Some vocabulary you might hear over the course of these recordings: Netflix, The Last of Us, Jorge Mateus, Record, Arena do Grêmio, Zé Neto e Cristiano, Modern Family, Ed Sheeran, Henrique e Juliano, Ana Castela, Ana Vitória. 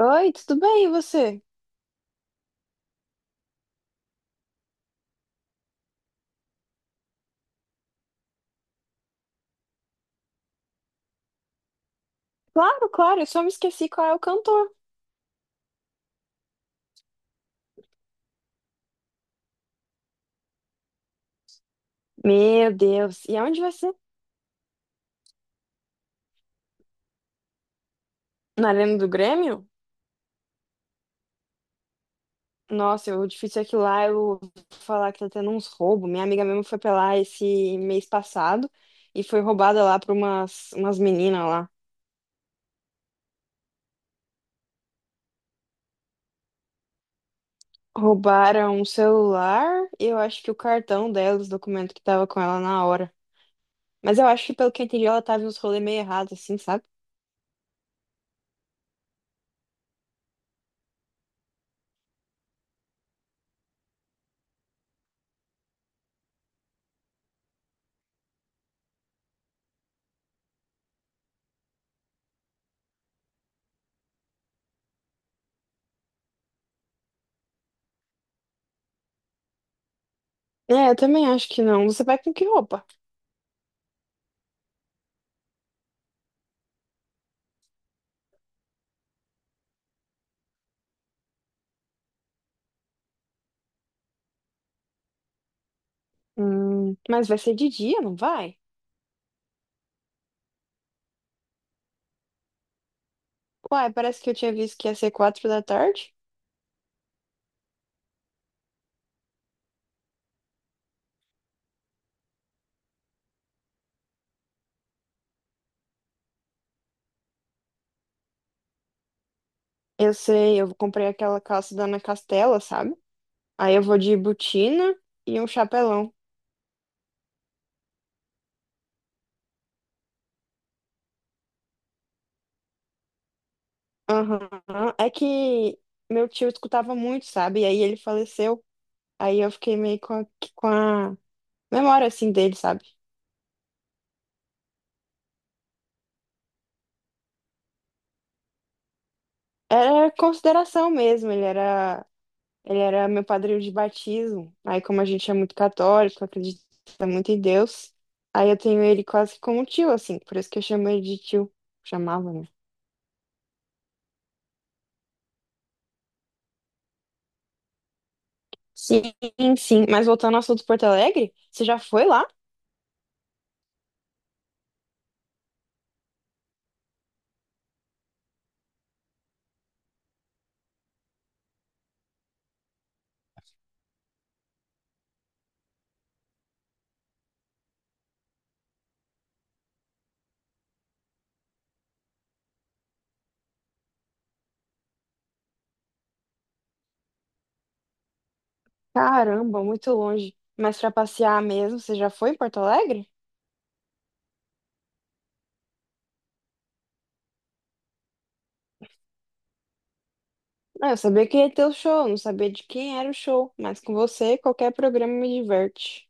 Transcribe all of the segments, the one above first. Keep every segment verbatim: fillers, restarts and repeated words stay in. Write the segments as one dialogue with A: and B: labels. A: Oi, tudo bem? E você? Claro, claro, eu só me esqueci qual é o cantor. Meu Deus, e aonde vai ser? Na Arena do Grêmio? Nossa, o difícil é que lá eu vou falar que tá tendo uns roubos. Minha amiga mesmo foi pra lá esse mês passado e foi roubada lá por umas, umas meninas lá. Roubaram um celular e eu acho que o cartão dela, os documentos que tava com ela na hora. Mas eu acho que, pelo que eu entendi, ela tava em uns rolês meio errados, assim, sabe? É, eu também acho que não. Você vai com que roupa? Hum, mas vai ser de dia, não vai? Uai, parece que eu tinha visto que ia ser quatro da tarde. Eu sei, eu comprei aquela calça da Ana Castela, sabe? Aí eu vou de botina e um chapelão. Aham. É que meu tio escutava muito, sabe? E aí ele faleceu. Aí eu fiquei meio com a, com a memória, assim, dele, sabe? Era consideração mesmo. Ele era, ele era meu padrinho de batismo. Aí como a gente é muito católico, acredita muito em Deus, aí eu tenho ele quase como tio, assim. Por isso que eu chamo ele de tio. Chamava, né? Sim, sim. Mas voltando ao assunto de Porto Alegre, você já foi lá? Caramba, muito longe. Mas pra passear mesmo, você já foi em Porto Alegre? Ah, eu sabia que ia ter o show, não sabia de quem era o show. Mas com você, qualquer programa me diverte.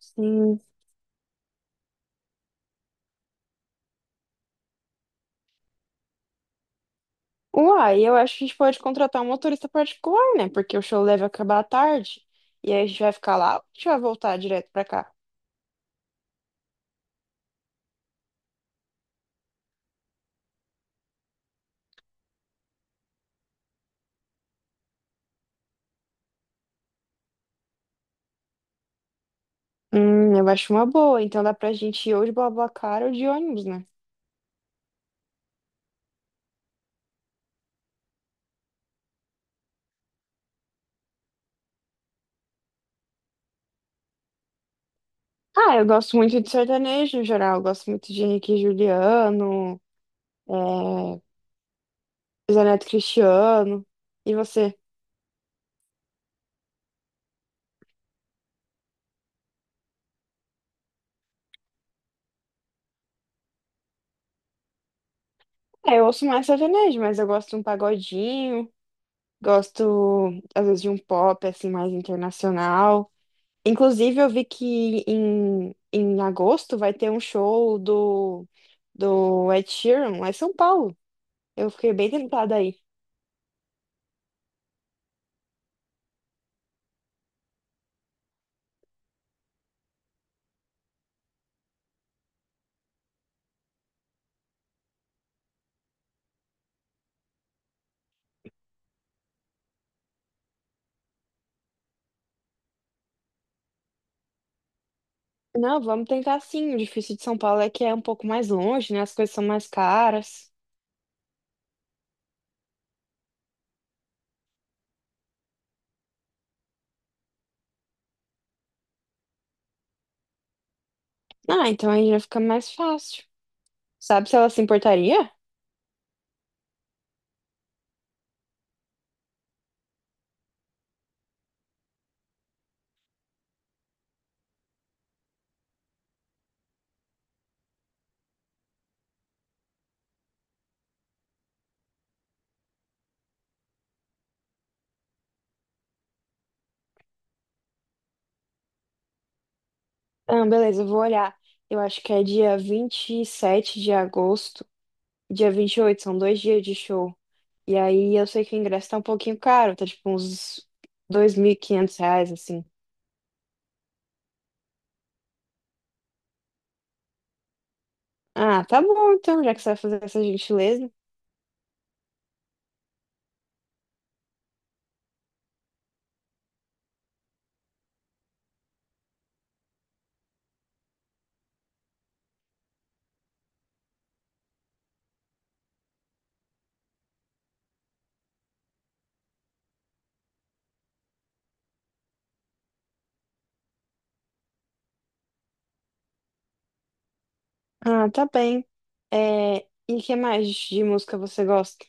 A: Sim. Uai, eu acho que a gente pode contratar um motorista particular, né? Porque o show deve acabar à tarde. E aí a gente vai ficar lá ou a gente vai voltar direto pra cá? Hum, eu acho uma boa. Então dá pra gente ir ou de BlaBlaCar ou de ônibus, né? Ah, eu gosto muito de sertanejo em geral. Eu gosto muito de Henrique e Juliano, é, Zé Neto e Cristiano. E você? É, eu ouço mais sertanejo, mas eu gosto de um pagodinho, gosto às vezes de um pop assim mais internacional. Inclusive, eu vi que em, em agosto vai ter um show do, do Ed Sheeran lá em São Paulo. Eu fiquei bem tentada aí. Não, vamos tentar sim. O difícil de São Paulo é que é um pouco mais longe, né? As coisas são mais caras. Ah, então aí já fica mais fácil. Sabe se ela se importaria? Ah, beleza, eu vou olhar. Eu acho que é dia vinte e sete de agosto, dia vinte e oito. São dois dias de show. E aí eu sei que o ingresso tá um pouquinho caro, tá tipo uns dois mil e quinhentos reais, assim. Ah, tá bom então, já que você vai fazer essa gentileza. Ah, tá bem. É, e que mais de música você gosta?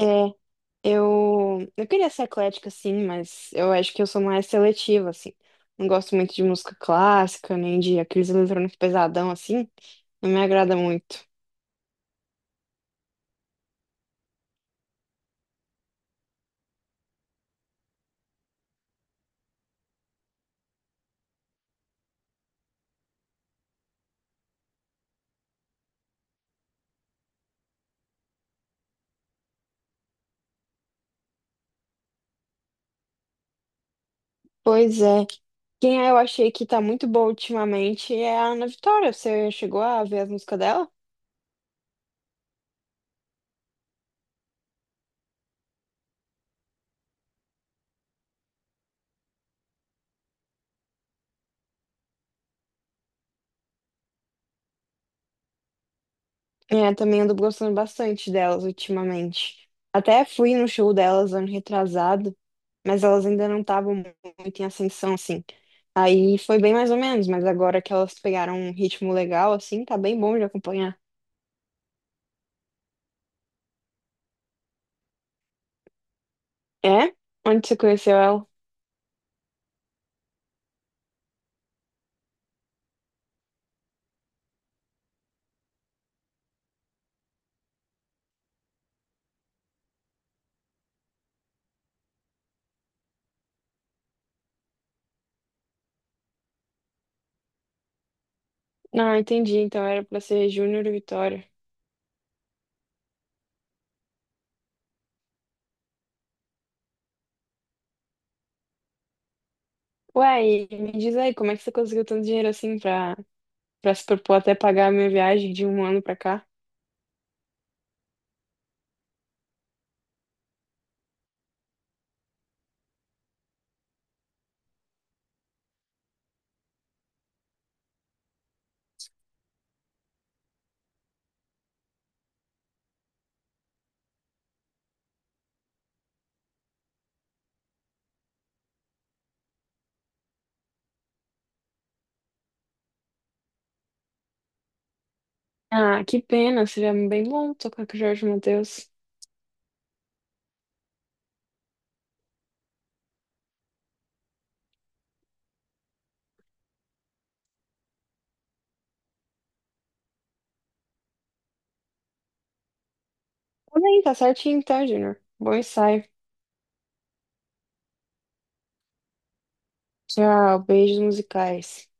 A: É, Eu, eu queria ser eclética, sim, mas eu acho que eu sou mais seletiva, assim. Não gosto muito de música clássica, nem de aqueles eletrônicos pesadão, assim. Não me agrada muito. Pois é. Quem é, eu achei que tá muito boa ultimamente é a Ana Vitória. Você chegou a ver as músicas dela? É, também ando gostando bastante delas ultimamente. Até fui no show delas ano retrasado, mas elas ainda não estavam muito em ascensão, assim. Aí foi bem mais ou menos, mas agora que elas pegaram um ritmo legal, assim, tá bem bom de acompanhar. É? Onde você conheceu ela? Não, entendi. Então era pra ser Júnior e Vitória. Ué, e me diz aí, como é que você conseguiu tanto dinheiro assim pra, pra se propor até pagar a minha viagem de um ano pra cá? Ah, que pena, seria bem bom tocar com o Jorge Mateus. Tudo bem, tá certinho então, Júnior. Bom ensaio. Tchau, beijos musicais.